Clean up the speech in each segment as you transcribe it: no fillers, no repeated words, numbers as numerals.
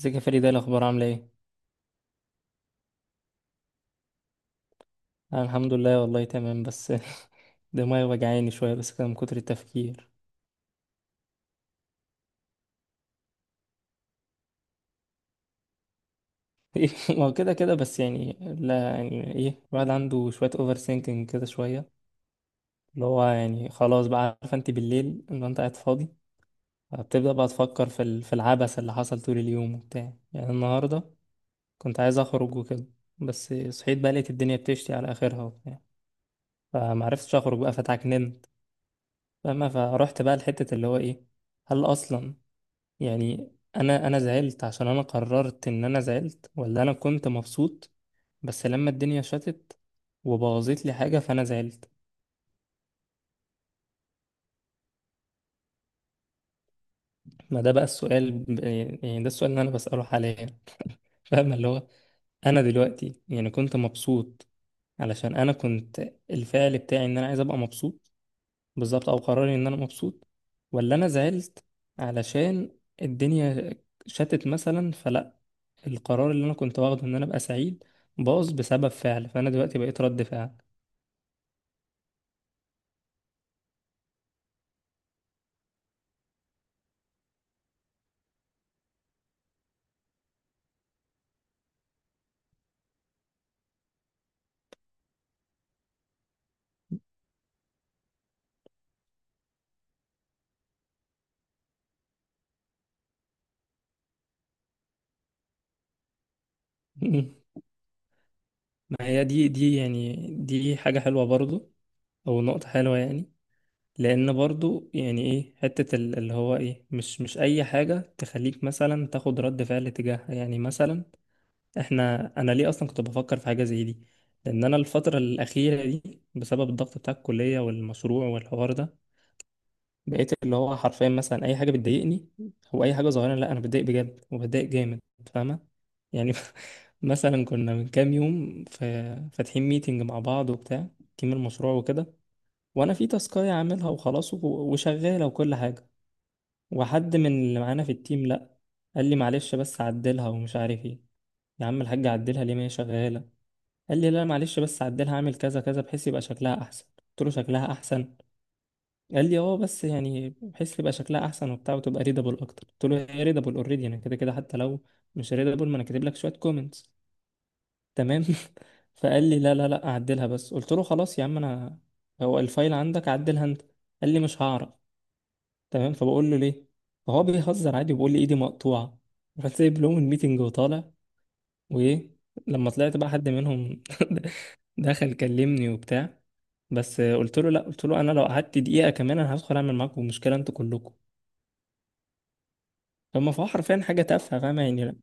ازيك يا فريدة؟ ايه الاخبار؟ عامله ايه؟ انا الحمد لله والله تمام بس. دماغي وجعاني شويه بس كده من كتر التفكير. ما هو كده كده بس يعني لا يعني ايه، الواحد عنده شويه اوفر سينكينج كده شويه، اللي هو يعني خلاص بقى، عارفه انت بالليل لو انت قاعد فاضي بتبدا بقى تفكر في العبث اللي حصل طول اليوم وبتاع. يعني النهارده كنت عايز اخرج وكده، بس صحيت بقى لقيت الدنيا بتشتي على اخرها وبتاع، فمعرفتش اخرج بقى فتعكننت. فاهمه؟ فروحت بقى لحته اللي هو ايه، هل اصلا يعني انا زعلت عشان انا قررت ان انا زعلت، ولا انا كنت مبسوط بس لما الدنيا شتت وبوظت لي حاجة فانا زعلت؟ ما ده بقى السؤال، يعني ده السؤال اللي انا بسأله حاليا. فاهم اللي هو انا دلوقتي يعني كنت مبسوط علشان انا كنت الفعل بتاعي ان انا عايز ابقى مبسوط، بالظبط، او قراري ان انا مبسوط. ولا انا زعلت علشان الدنيا شتت مثلا؟ فلا، القرار اللي انا كنت واخده ان انا ابقى سعيد باظ بسبب فعل، فانا دلوقتي بقيت رد فعل. ما هي دي يعني دي حاجة حلوة برضو، او نقطة حلوة يعني. لان برضو يعني ايه حتة اللي هو ايه، مش اي حاجة تخليك مثلا تاخد رد فعل تجاهها يعني. مثلا انا ليه اصلا كنت بفكر في حاجة زي دي؟ لان انا الفترة الاخيرة دي بسبب الضغط بتاع الكلية والمشروع والحوار ده بقيت اللي هو حرفيا مثلا اي حاجه بتضايقني او اي حاجه صغيره، لا انا بتضايق بجد وبتضايق جامد. فاهمه؟ يعني مثلا كنا من كام يوم في، فاتحين ميتنج مع بعض وبتاع، تيم المشروع وكده، وانا في تاسكايه عاملها وخلاص وشغاله وكل حاجه، وحد من اللي معانا في التيم، لا، قال لي معلش بس عدلها ومش عارف ايه. يا عم الحاج عدلها ليه، ما هي شغاله؟ قال لي لا معلش بس عدلها، اعمل كذا كذا بحيث يبقى شكلها احسن. قلت له شكلها احسن؟ قال لي اه بس يعني بحيث يبقى شكلها احسن وبتاع وتبقى ريدابل اكتر. قلت له هي ريدابل اوريدي، يعني كده كده حتى لو مش ريدابل ما انا كاتب لك شويه كومنتس، تمام. فقال لي لا لا لا، اعدلها بس. قلت له خلاص يا عم، انا هو الفايل عندك، عدلها انت. قال لي مش هعرف. تمام، فبقول له ليه؟ فهو بيهزر عادي وبيقول لي ايدي مقطوعه. رحت سايب لهم الميتنج وطالع. وايه، لما طلعت بقى حد منهم دخل كلمني وبتاع، بس قلت له لا، قلت له انا لو قعدت دقيقه كمان انا هدخل اعمل معاكم مشكله انتوا كلكم. لما فهو حرفيا حاجة تافهة، فاهمة يعني؟ لا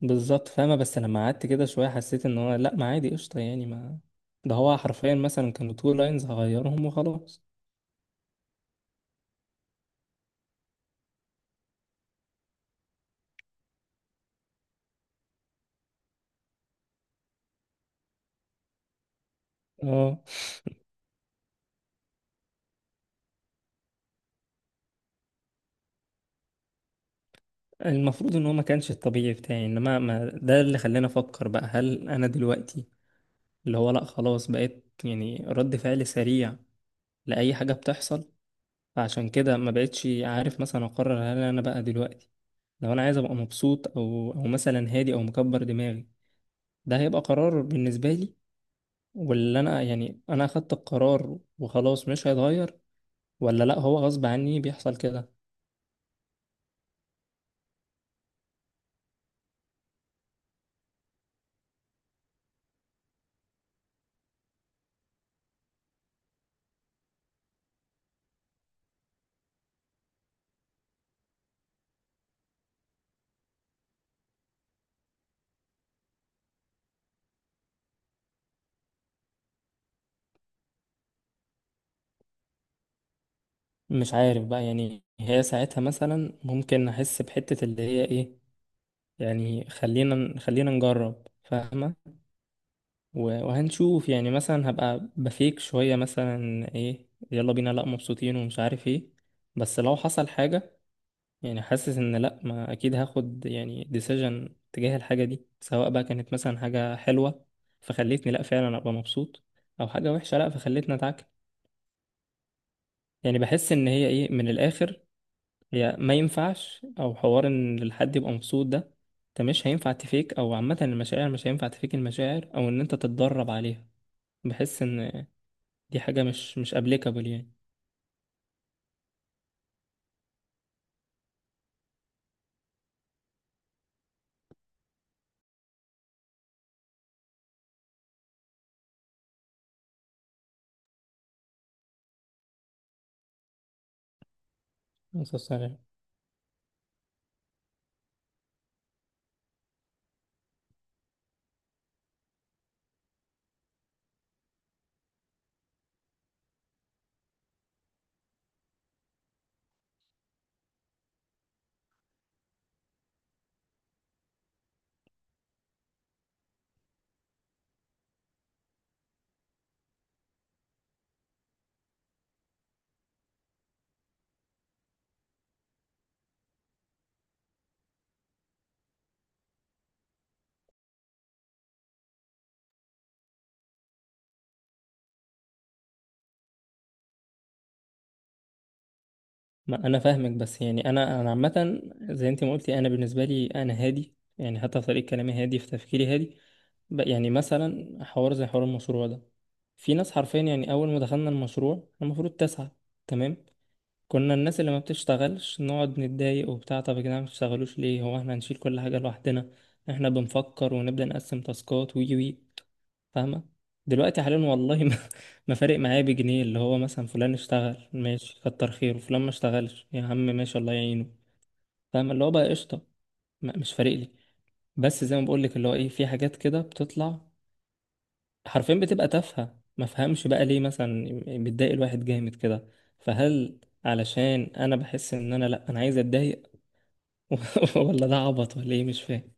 بالظبط فاهمة، بس لما قعدت كده شوية حسيت ان هو لا، ما عادي قشطة يعني، ما ده هو حرفيا مثلا كانوا تو لاينز هغيرهم وخلاص. اه، المفروض ان هو ما كانش الطبيعي بتاعي، انما ما ده اللي خلاني افكر بقى هل انا دلوقتي اللي هو لا خلاص بقيت يعني رد فعل سريع لاي حاجه بتحصل؟ فعشان كده ما بقتش عارف مثلا اقرر، هل انا بقى دلوقتي لو انا عايز ابقى مبسوط او مثلا هادي او مكبر دماغي ده هيبقى قرار بالنسبه لي، واللي انا يعني انا اخدت القرار وخلاص مش هيتغير؟ ولا لا، هو غصب عني بيحصل كده؟ مش عارف بقى. يعني هي ساعتها مثلا ممكن احس بحتة اللي هي ايه، يعني خلينا خلينا نجرب، فاهمة؟ وهنشوف يعني مثلا هبقى بفيك شوية مثلا ايه، يلا بينا لا مبسوطين ومش عارف ايه. بس لو حصل حاجة يعني حاسس ان لا، ما اكيد هاخد يعني ديسيجن تجاه الحاجه دي، سواء بقى كانت مثلا حاجه حلوه فخلتني لا فعلا ابقى مبسوط، او حاجه وحشه لا فخلتني اتعكر. يعني بحس ان هي ايه من الاخر، هي ما ينفعش او حوار ان الحد يبقى مبسوط ده، انت مش هينفع تفيك، او عامه المشاعر مش هينفع تفيك المشاعر او ان انت تتدرب عليها. بحس ان دي حاجه مش ابليكابل. يعني ما انا فاهمك، بس يعني انا عامه زي انت ما قلتي، انا بالنسبه لي انا هادي، يعني حتى في طريقه كلامي هادي، في تفكيري هادي. يعني مثلا حوار زي حوار المشروع ده، في ناس حرفيا، يعني اول ما دخلنا المشروع المفروض تسعة، تمام، كنا الناس اللي ما بتشتغلش نقعد نتضايق وبتاع، طب يا جدعان ما بتشتغلوش ليه؟ هو احنا هنشيل كل حاجه لوحدنا؟ احنا بنفكر ونبدا نقسم تاسكات، وي، فاهمة؟ دلوقتي حاليا، والله ما, ما فارق معايا بجنيه اللي هو، مثلا فلان اشتغل ماشي كتر خيره، فلان ما اشتغلش يا عم ماشي الله يعينه. فاهمة اللي هو بقى قشطة. مش فارق لي. بس زي ما بقول لك اللي هو ايه، في حاجات كده بتطلع حرفيا بتبقى تافهة، ما فهمش بقى ليه مثلا بتضايق الواحد جامد كده. فهل علشان انا بحس ان انا لا، انا عايز اتضايق؟ ولا ده عبط، ولا ايه مش فاهم.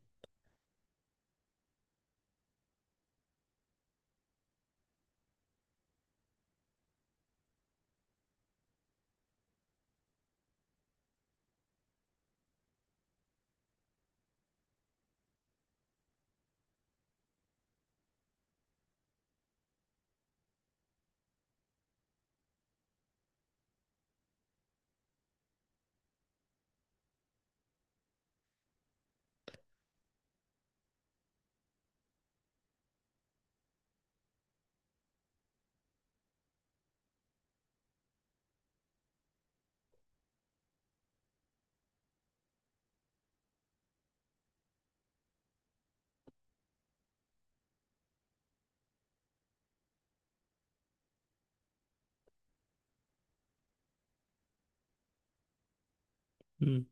مم.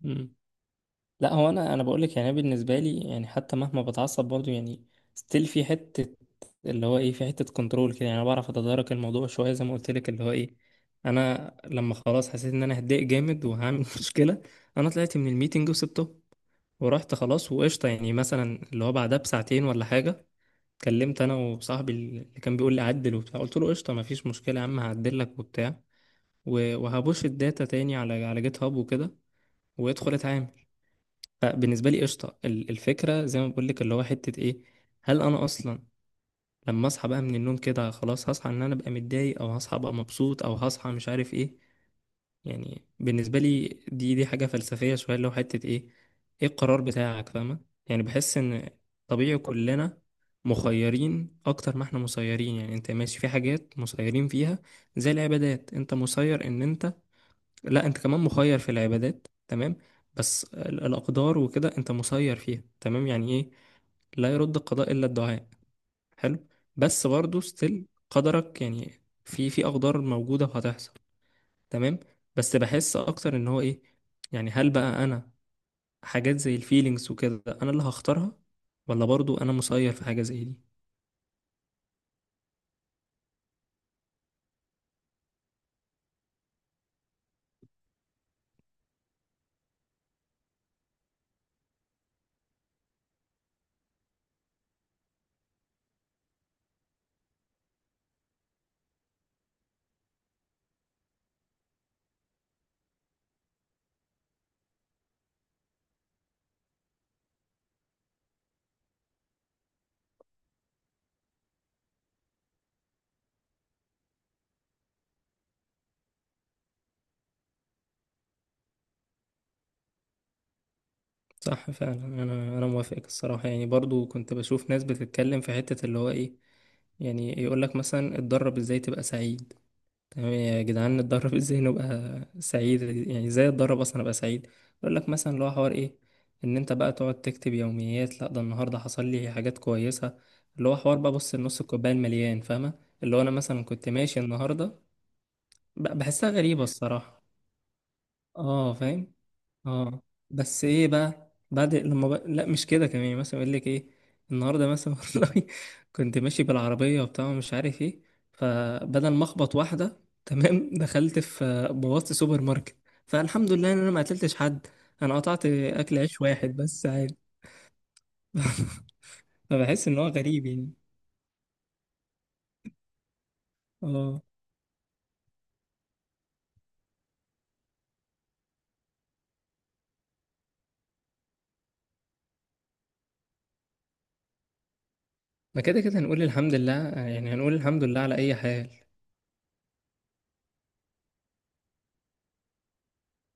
مم. لا هو انا بقول لك يعني، أنا بالنسبه لي يعني حتى مهما بتعصب برضو، يعني ستيل في حته اللي هو ايه، في حته كنترول كده. يعني انا بعرف اتدارك الموضوع شويه زي ما قلت لك، اللي هو ايه، انا لما خلاص حسيت ان انا هتضايق جامد وهعمل مشكله انا طلعت من الميتنج وسبته ورحت، خلاص وقشطه. يعني مثلا اللي هو بعدها بساعتين ولا حاجه كلمت انا وصاحبي اللي كان بيقول لي عدل وبتاع، قلت له قشطه مفيش مشكله يا عم هعدل لك وبتاع، وهبوش الداتا تاني على جيت هاب وكده، وادخل اتعامل. فبالنسبه لي قشطه، الفكره زي ما بقول لك اللي هو حته ايه، هل انا اصلا لما اصحى بقى من النوم كده خلاص هصحى ان انا ابقى متضايق، او هصحى ابقى مبسوط، او هصحى مش عارف ايه؟ يعني بالنسبه لي، دي حاجه فلسفيه شويه، اللي هو حته ايه، ايه القرار بتاعك؟ فاهمه؟ يعني بحس ان، طبيعي كلنا مخيرين اكتر ما احنا مسيرين. يعني انت ماشي في حاجات مسيرين فيها زي العبادات، انت مسير ان انت، لا انت كمان مخير في العبادات، تمام. بس الاقدار وكده انت مسير فيها، تمام، يعني ايه، لا يرد القضاء الا الدعاء، حلو. بس برضه ستيل قدرك، يعني في في اقدار موجوده وهتحصل، تمام. بس بحس اكتر ان هو ايه، يعني هل بقى انا، حاجات زي الفيلينجز وكده انا اللي هختارها، ولا برضه انا مسير في حاجه زي دي؟ صح فعلا، انا موافقك الصراحه. يعني برضه كنت بشوف ناس بتتكلم في حته اللي هو ايه، يعني يقول لك مثلا اتدرب ازاي تبقى سعيد. تمام يا جدعان نتدرب، ازاي نبقى سعيد يعني؟ ازاي اتدرب اصلا ابقى سعيد؟ يقول لك مثلا اللي هو حوار ايه، ان انت بقى تقعد تكتب يوميات لا ده النهارده حصل لي حاجات كويسه، اللي هو حوار بقى، بص النص الكوبايه المليان، فاهمه؟ اللي هو انا مثلا كنت ماشي النهارده، بحسها غريبه الصراحه. اه فاهم. اه. بس ايه بقى بعد لما بقى، لا مش كده كمان. يعني مثلا يقول لك ايه، النهارده مثلا والله كنت ماشي بالعربيه وبتاع ومش عارف ايه، فبدل ما اخبط واحده، تمام دخلت في بوظت سوبر ماركت، فالحمد لله ان انا ما قتلتش حد، انا قطعت اكل عيش واحد بس عادي. فبحس ان هو غريب يعني. اه، ما كده كده هنقول الحمد لله، يعني هنقول الحمد لله على اي حال.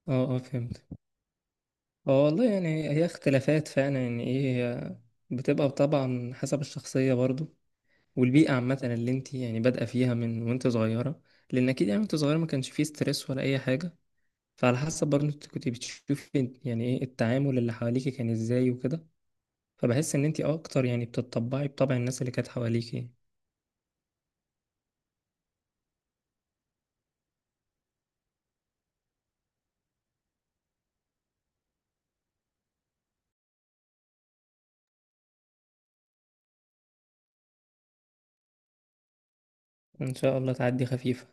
اه، اه، فهمت. هو والله يعني هي اختلافات فعلا، يعني ايه، بتبقى طبعا حسب الشخصية برضو والبيئة عامة اللي انت يعني بادئة فيها من وانت صغيرة. لأن أكيد يعني وانت صغيرة ما كانش فيه ستريس ولا أي حاجة. فعلى حسب برضو انت كنت بتشوفي يعني ايه التعامل اللي حواليكي كان ازاي وكده. فبحس ان انت أكتر يعني بتطبعي بطبع الناس اللي كانت حواليكي. إن شاء الله تعدي خفيف.